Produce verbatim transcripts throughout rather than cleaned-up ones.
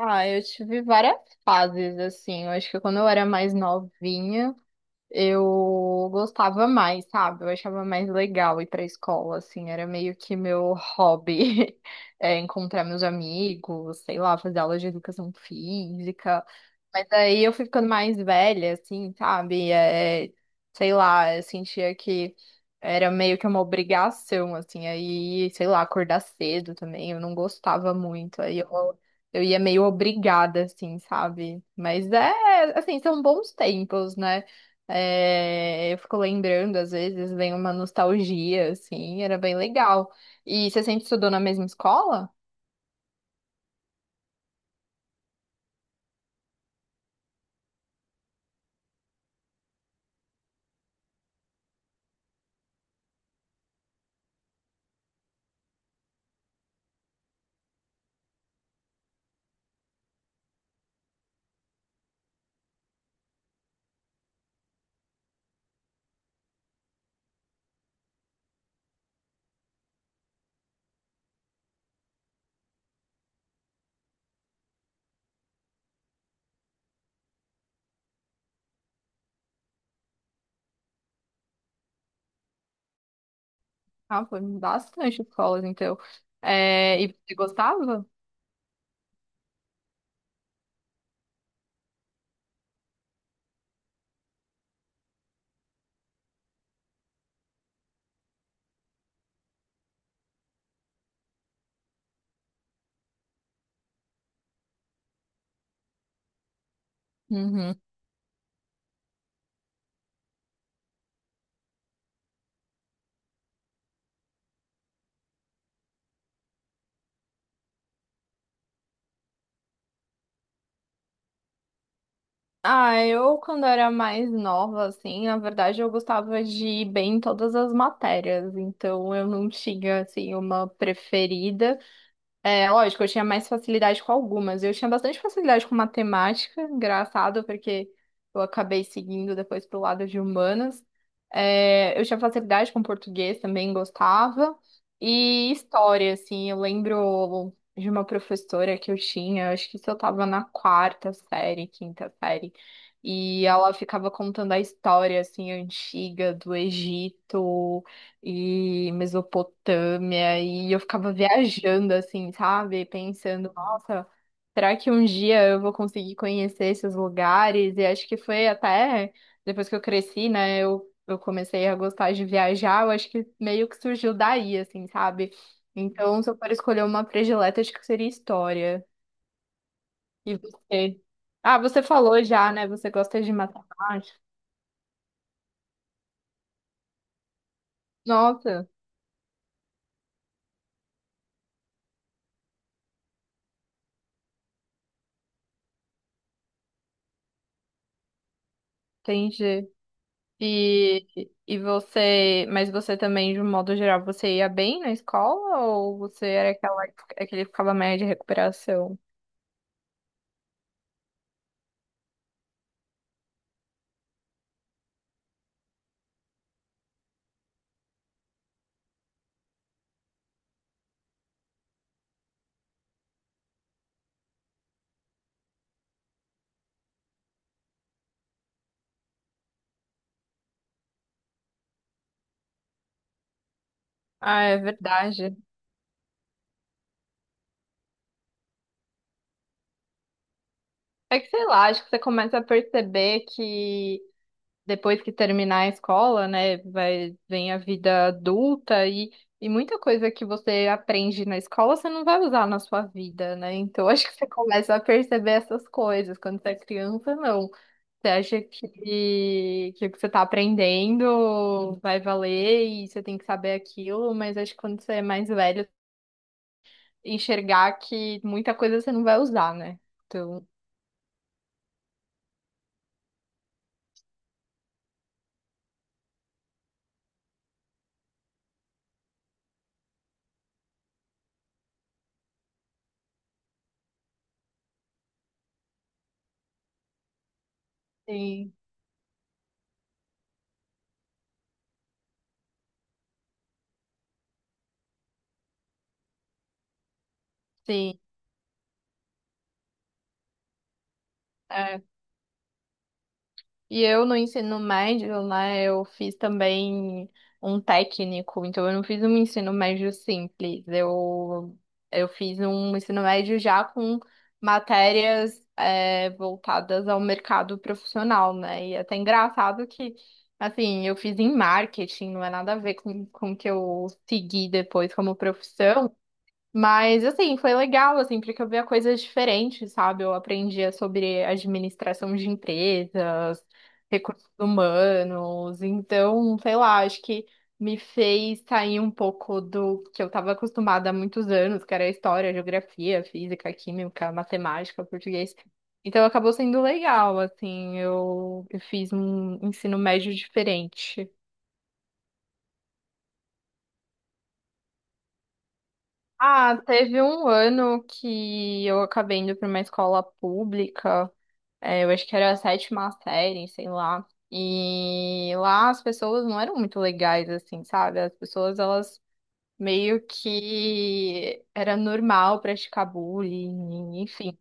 Ah, eu tive várias fases, assim. Eu acho que quando eu era mais novinha, eu gostava mais, sabe? Eu achava mais legal ir pra escola, assim. Era meio que meu hobby, é, encontrar meus amigos, sei lá, fazer aula de educação física. Mas aí eu fui ficando mais velha, assim, sabe? É, sei lá, eu sentia que era meio que uma obrigação, assim, aí, sei lá, acordar cedo também, eu não gostava muito, aí eu, eu ia meio obrigada, assim, sabe? Mas é, assim, são bons tempos, né? É, eu fico lembrando, às vezes, vem uma nostalgia, assim, era bem legal. E você sempre estudou na mesma escola? Ah, foi bastante escolas, então. É, e você gostava? Uhum. Ah, eu quando era mais nova, assim, na verdade eu gostava de ir bem em todas as matérias, então eu não tinha, assim, uma preferida. É, lógico, eu tinha mais facilidade com algumas. Eu tinha bastante facilidade com matemática, engraçado, porque eu acabei seguindo depois pro lado de humanas. É, eu tinha facilidade com português também, gostava. E história, assim, eu lembro de uma professora que eu tinha, acho que isso eu tava na quarta série, quinta série, e ela ficava contando a história, assim, antiga do Egito e Mesopotâmia, e eu ficava viajando assim, sabe? Pensando, nossa, será que um dia eu vou conseguir conhecer esses lugares? E acho que foi até depois que eu cresci, né? Eu, eu comecei a gostar de viajar, eu acho que meio que surgiu daí, assim, sabe? Então, se eu for escolher uma predileta, acho que seria história. E você? Ah, você falou já, né? Você gosta de matemática. Nossa, entendi. E, e você, mas você também, de um modo geral, você ia bem na escola ou você era aquela, aquele que ficava média de recuperação? Ah, é verdade. É que sei lá, acho que você começa a perceber que depois que terminar a escola, né, vai, vem a vida adulta e, e muita coisa que você aprende na escola você não vai usar na sua vida, né? Então acho que você começa a perceber essas coisas quando você é criança, não. Você acha que, que o que você está aprendendo vai valer e você tem que saber aquilo, mas acho que quando você é mais velho, enxergar que muita coisa você não vai usar, né? Então, sim, sim. E eu no ensino médio, né, eu fiz também um técnico, então eu não fiz um ensino médio simples, eu, eu fiz um ensino médio já com matérias é, voltadas ao mercado profissional, né? E é até engraçado que, assim, eu fiz em marketing, não é nada a ver com, com o que eu segui depois como profissão, mas, assim, foi legal, assim, porque eu via coisas diferentes, sabe? Eu aprendia sobre administração de empresas, recursos humanos. Então, sei lá, acho que me fez sair um pouco do que eu estava acostumada há muitos anos, que era história, geografia, física, química, matemática, português. Então, acabou sendo legal, assim, eu, eu fiz um ensino médio diferente. Ah, teve um ano que eu acabei indo para uma escola pública. É, eu acho que era a sétima série, sei lá. E lá as pessoas não eram muito legais, assim, sabe? As pessoas, elas meio que era normal praticar bullying, enfim.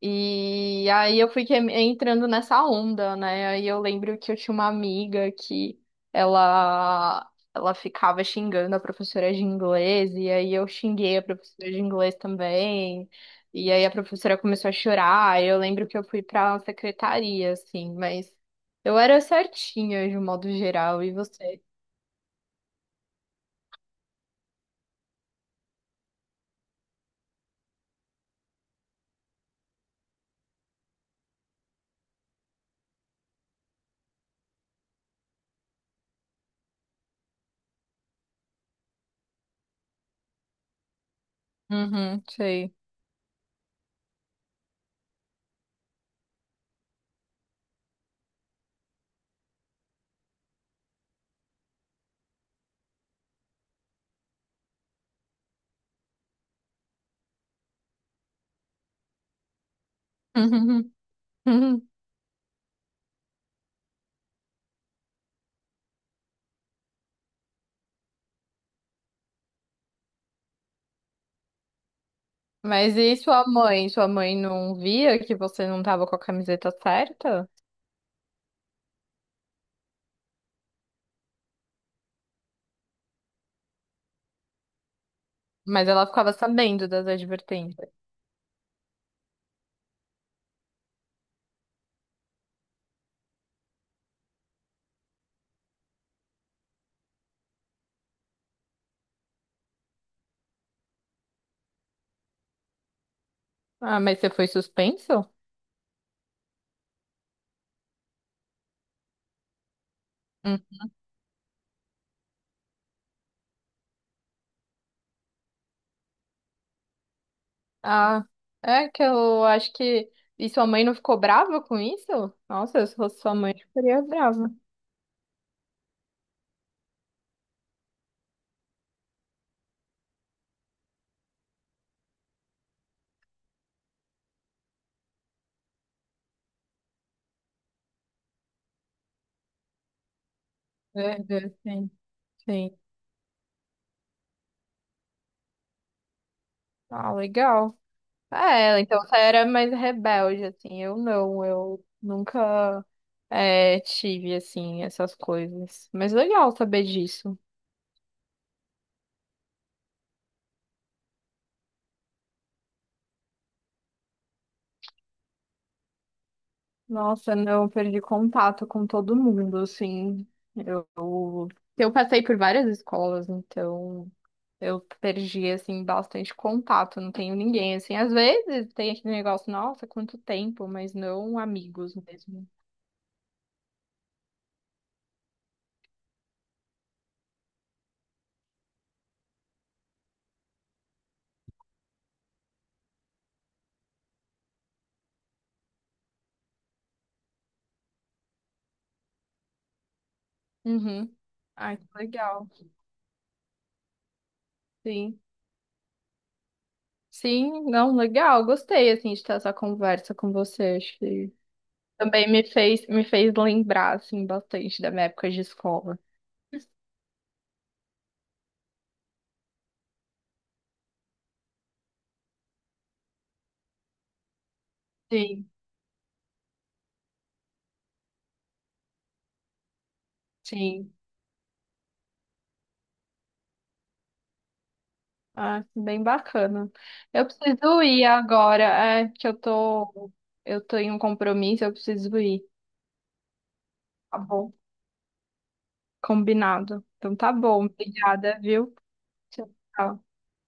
E aí eu fui que- entrando nessa onda, né? Aí eu lembro que eu tinha uma amiga que ela ela ficava xingando a professora de inglês, e aí eu xinguei a professora de inglês também. E aí a professora começou a chorar. Eu lembro que eu fui pra secretaria, assim, mas eu era certinha de um modo geral. E você? Uhum, sei. Uhum, uhum. Mas e sua mãe? Sua mãe não via que você não tava com a camiseta certa? Mas ela ficava sabendo das advertências. Ah, mas você foi suspenso? Hum. Ah, é que eu acho que. E sua mãe não ficou brava com isso? Nossa, se fosse sua mãe, eu ficaria brava. É, é, sim, sim. Ah, legal. É, então você era mais rebelde, assim. Eu não, eu nunca é, tive, assim, essas coisas. Mas legal saber disso. Nossa, não, eu perdi contato com todo mundo, assim. Eu, eu passei por várias escolas, então eu perdi, assim, bastante contato. Não tenho ninguém, assim. Às vezes tem aquele negócio, nossa, quanto tempo, mas não amigos mesmo. Uhum. Ai, que legal. Sim. Sim, não, legal. Gostei, assim, de ter essa conversa com você. Acho que também me fez, me fez lembrar, assim, bastante da minha época de escola. Sim, sim. Ah, bem bacana. Eu preciso ir agora, é que eu tô, eu tô em um compromisso, eu preciso ir. Tá bom. Combinado. Então tá bom, obrigada, viu? Tchau.